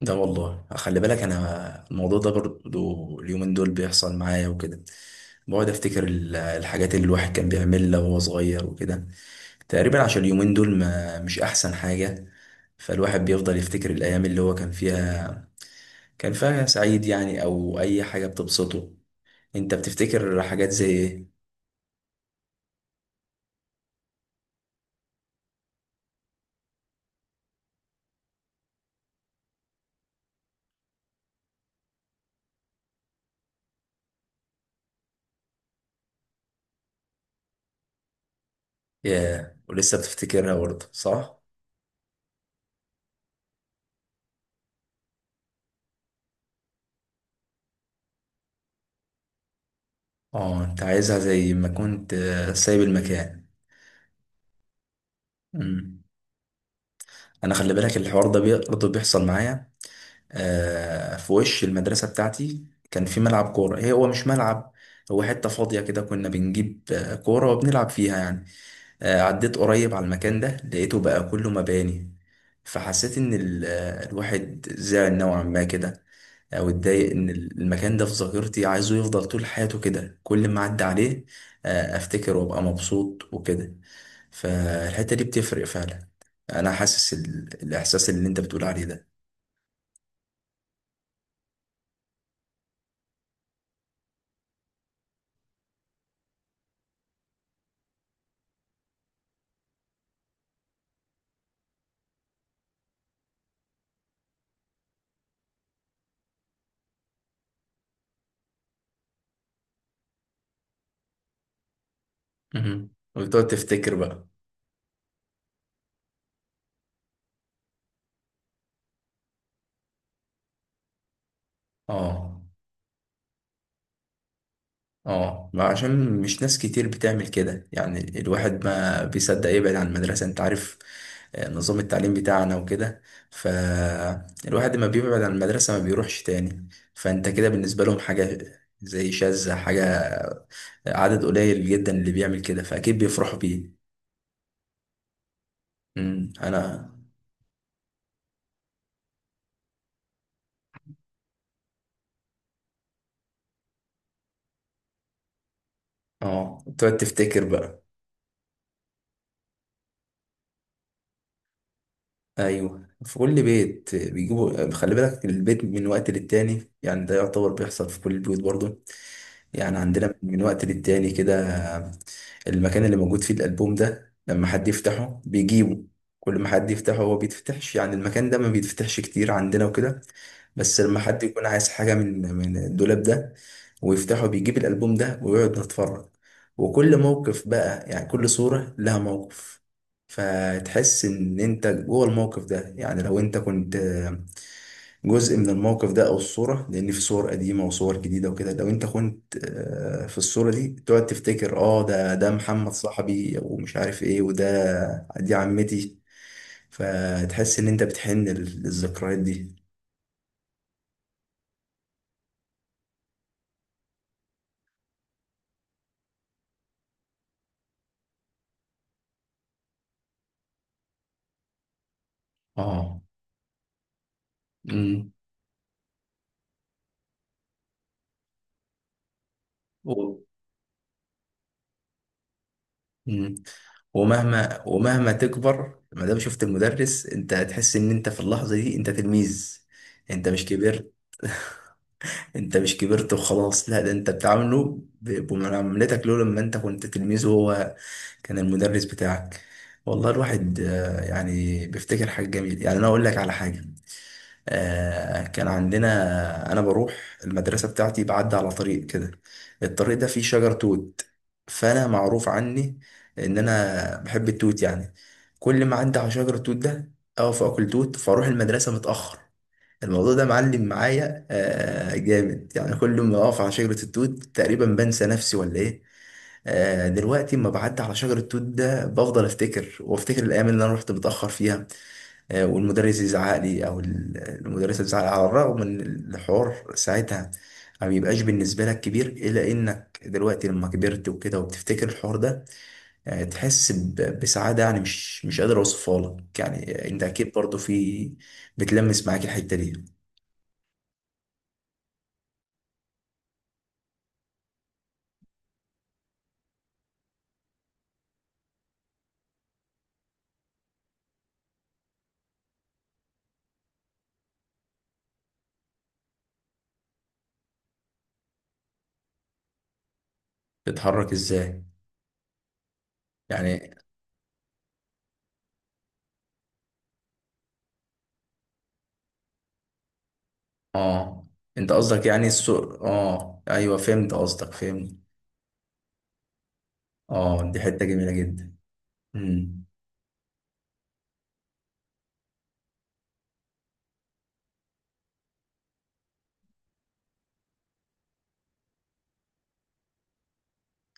ده والله، خلي بالك انا الموضوع ده برضو اليومين دول بيحصل معايا وكده. بقعد افتكر الحاجات اللي الواحد كان بيعملها وهو صغير وكده، تقريبا عشان اليومين دول ما مش احسن حاجة. فالواحد بيفضل يفتكر الايام اللي هو كان فيها سعيد يعني، او اي حاجة بتبسطه. انت بتفتكر حاجات زي ايه؟ ياه، ولسه بتفتكرها برضه صح؟ اه، انت عايزها زي ما كنت، سايب المكان. مم. انا خلي بالك الحوار ده برضه بيحصل معايا. في وش المدرسة بتاعتي كان في ملعب كورة، هو مش ملعب، هو حتة فاضية كده، كنا بنجيب كورة وبنلعب فيها يعني. عديت قريب على المكان ده لقيته بقى كله مباني. فحسيت إن الواحد زعل نوعا ما كده، أو اتضايق إن المكان ده في ذاكرتي عايزه يفضل طول حياته كده، كل ما أعدي عليه أفتكر وأبقى مبسوط وكده. فالحتة دي بتفرق فعلا، أنا حاسس الإحساس اللي أنت بتقول عليه ده. مهم. وبتقعد تفتكر بقى. اه اه، ما عشان مش ناس كتير بتعمل كده، يعني الواحد ما بيصدق يبعد عن المدرسة، انت عارف نظام التعليم بتاعنا وكده. فالواحد ما بيبعد عن المدرسة، ما بيروحش تاني، فانت كده بالنسبة لهم حاجة زي شاذة، حاجة عدد قليل جدا اللي بيعمل كده، فأكيد بيفرحوا بيه. مم. اه، تقعد تفتكر بقى. ايوه، في كل بيت بيجيبوا، خلي بالك البيت من وقت للتاني، يعني ده يعتبر بيحصل في كل البيوت برضه، يعني عندنا من وقت للتاني كده. المكان اللي موجود فيه الالبوم ده لما حد يفتحه بيجيبه، كل ما حد يفتحه هو بيتفتحش، يعني المكان ده ما بيتفتحش كتير عندنا وكده. بس لما حد يكون عايز حاجة من الدولاب ده ويفتحه بيجيب الألبوم ده ويقعد نتفرج، وكل موقف بقى يعني كل صورة لها موقف، فتحس إن أنت جوه الموقف ده. يعني لو أنت كنت جزء من الموقف ده أو الصورة، لأن في صور قديمة وصور جديدة وكده، لو أنت كنت في الصورة دي تقعد تفتكر، ده محمد صاحبي، ومش عارف إيه، دي عمتي. فتحس إن أنت بتحن للذكريات دي. آه و... مم. ومهما تكبر، ما دام شفت المدرس انت هتحس ان انت في اللحظه دي انت تلميذ، انت مش كبرت. انت مش كبرت وخلاص، لا ده انت بتعامله بمعاملتك له لما انت كنت تلميذ، وهو كان المدرس بتاعك. والله الواحد يعني بيفتكر حاجه جميله، يعني انا اقول لك على حاجه. كان عندنا، انا بروح المدرسه بتاعتي بعدي على طريق كده، الطريق ده فيه شجر توت، فانا معروف عني ان انا بحب التوت يعني، كل ما اعدي على شجر التوت ده اقف اكل توت، فاروح المدرسه متاخر. الموضوع ده معلم معايا جامد، يعني كل ما اقف على شجره التوت تقريبا بنسى نفسي ولا ايه. دلوقتي اما بعدي على شجر التوت ده بفضل افتكر وافتكر الايام اللي انا رحت متاخر فيها، والمدرس يزعق لي او المدرسه تزعق لي، على الرغم ان الحوار ساعتها ما بيبقاش بالنسبه لك كبير، الا انك دلوقتي لما كبرت وكده وبتفتكر الحوار ده تحس بسعاده، يعني مش قادر اوصفها لك، يعني انت اكيد برضو في بتلمس معاك الحته دي. بتتحرك ازاي؟ يعني اه، انت قصدك يعني السوق، اه ايوه فهمت قصدك، فهمت. اه دي حته جميله جدا. امم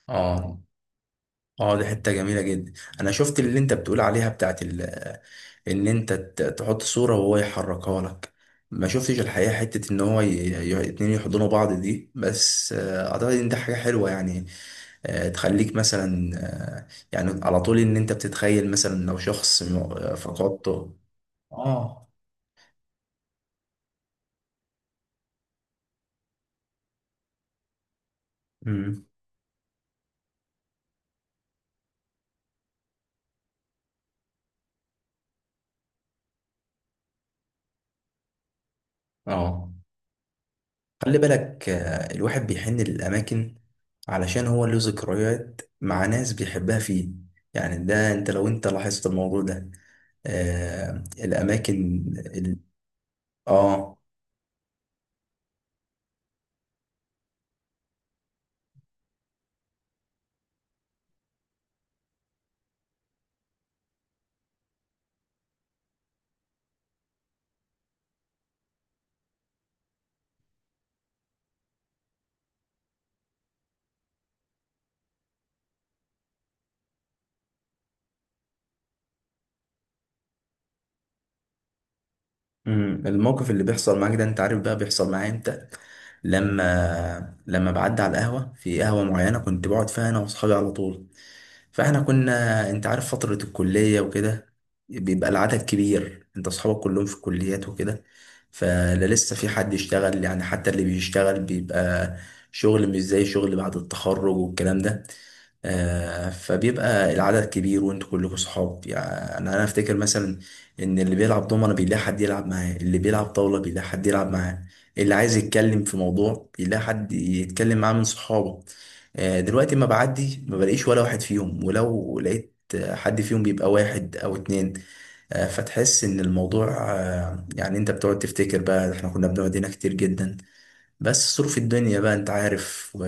اه اه، دي حتة جميلة جدا. انا شفت اللي انت بتقول عليها بتاعت ان انت تحط صورة وهو يحركها لك، ما شفتش الحقيقة حتة ان هو اتنين يحضنوا بعض دي، بس اعتقد ان ده حاجة حلوة يعني، تخليك مثلا يعني على طول ان انت بتتخيل مثلا لو شخص فقدته. اه. مم. اه، خلي بالك الواحد بيحن للأماكن علشان هو له ذكريات مع ناس بيحبها فيه، يعني ده انت لو انت لاحظت الموضوع ده، الأماكن اه. الموقف اللي بيحصل معاك ده انت عارف بقى بيحصل معايا امتى. لما بعدي على القهوة، في قهوة معينة كنت بقعد فيها انا واصحابي على طول، فاحنا كنا انت عارف فترة الكلية وكده، بيبقى العدد كبير، انت اصحابك كلهم في الكليات وكده، فلا لسه في حد يشتغل، يعني حتى اللي بيشتغل بيبقى شغل مش زي شغل بعد التخرج والكلام ده. فبيبقى العدد كبير وانتوا كلكم صحاب، يعني انا افتكر مثلا ان اللي بيلعب دومنة بيلاقي حد يلعب معاه، اللي بيلعب طاولة بيلاقي حد يلعب معاه، اللي عايز يتكلم في موضوع بيلاقي حد يتكلم معاه من صحابه. دلوقتي ما بعدي ما بلاقيش ولا واحد فيهم، ولو لقيت حد فيهم بيبقى واحد او اتنين. فتحس ان الموضوع يعني انت بتقعد تفتكر بقى، احنا كنا بنقعد هنا كتير جدا، بس ظروف الدنيا بقى انت عارف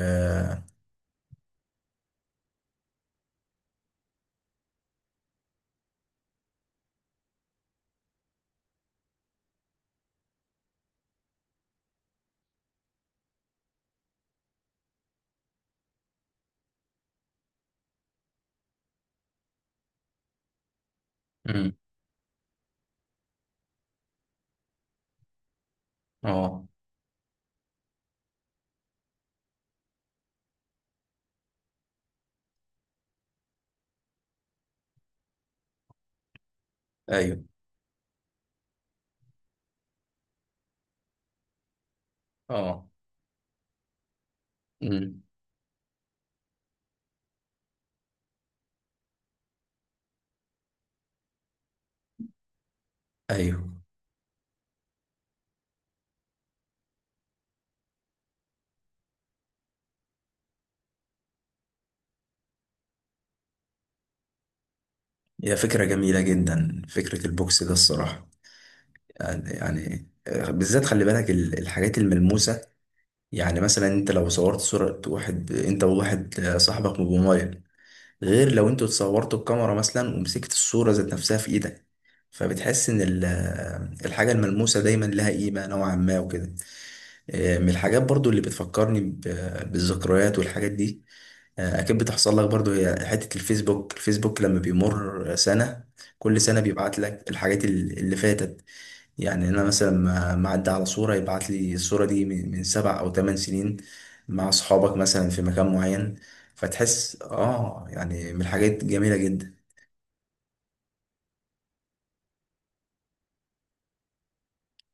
مم. اه، ايوه، اه. مم. ايوه، هي فكرة جميلة جدا، فكرة البوكس ده الصراحة. يعني بالذات خلي بالك الحاجات الملموسة، يعني مثلا انت لو صورت صورة، واحد انت وواحد صاحبك بموبايل، غير لو انتوا اتصورتوا بكاميرا مثلا ومسكت الصورة ذات نفسها في ايدك، فبتحس ان الحاجة الملموسة دايما لها قيمة نوعا ما وكده. من الحاجات برضو اللي بتفكرني بالذكريات والحاجات دي، اكيد بتحصل لك برضو، هي حتة الفيسبوك، لما بيمر سنة كل سنة بيبعت لك الحاجات اللي فاتت. يعني انا مثلا ما عدى على صورة يبعت لي الصورة دي من 7 أو 8 سنين مع اصحابك مثلا في مكان معين، فتحس اه، يعني من الحاجات جميلة جدا.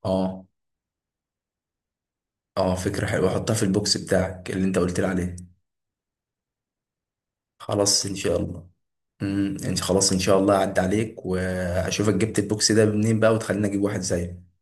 اه اه، فكرة حلوة، حطها في البوكس بتاعك اللي انت قلت لي عليه. خلاص ان شاء الله. انت خلاص ان شاء الله، عدى عليك واشوفك جبت البوكس ده منين بقى، وتخليني اجيب واحد زيك.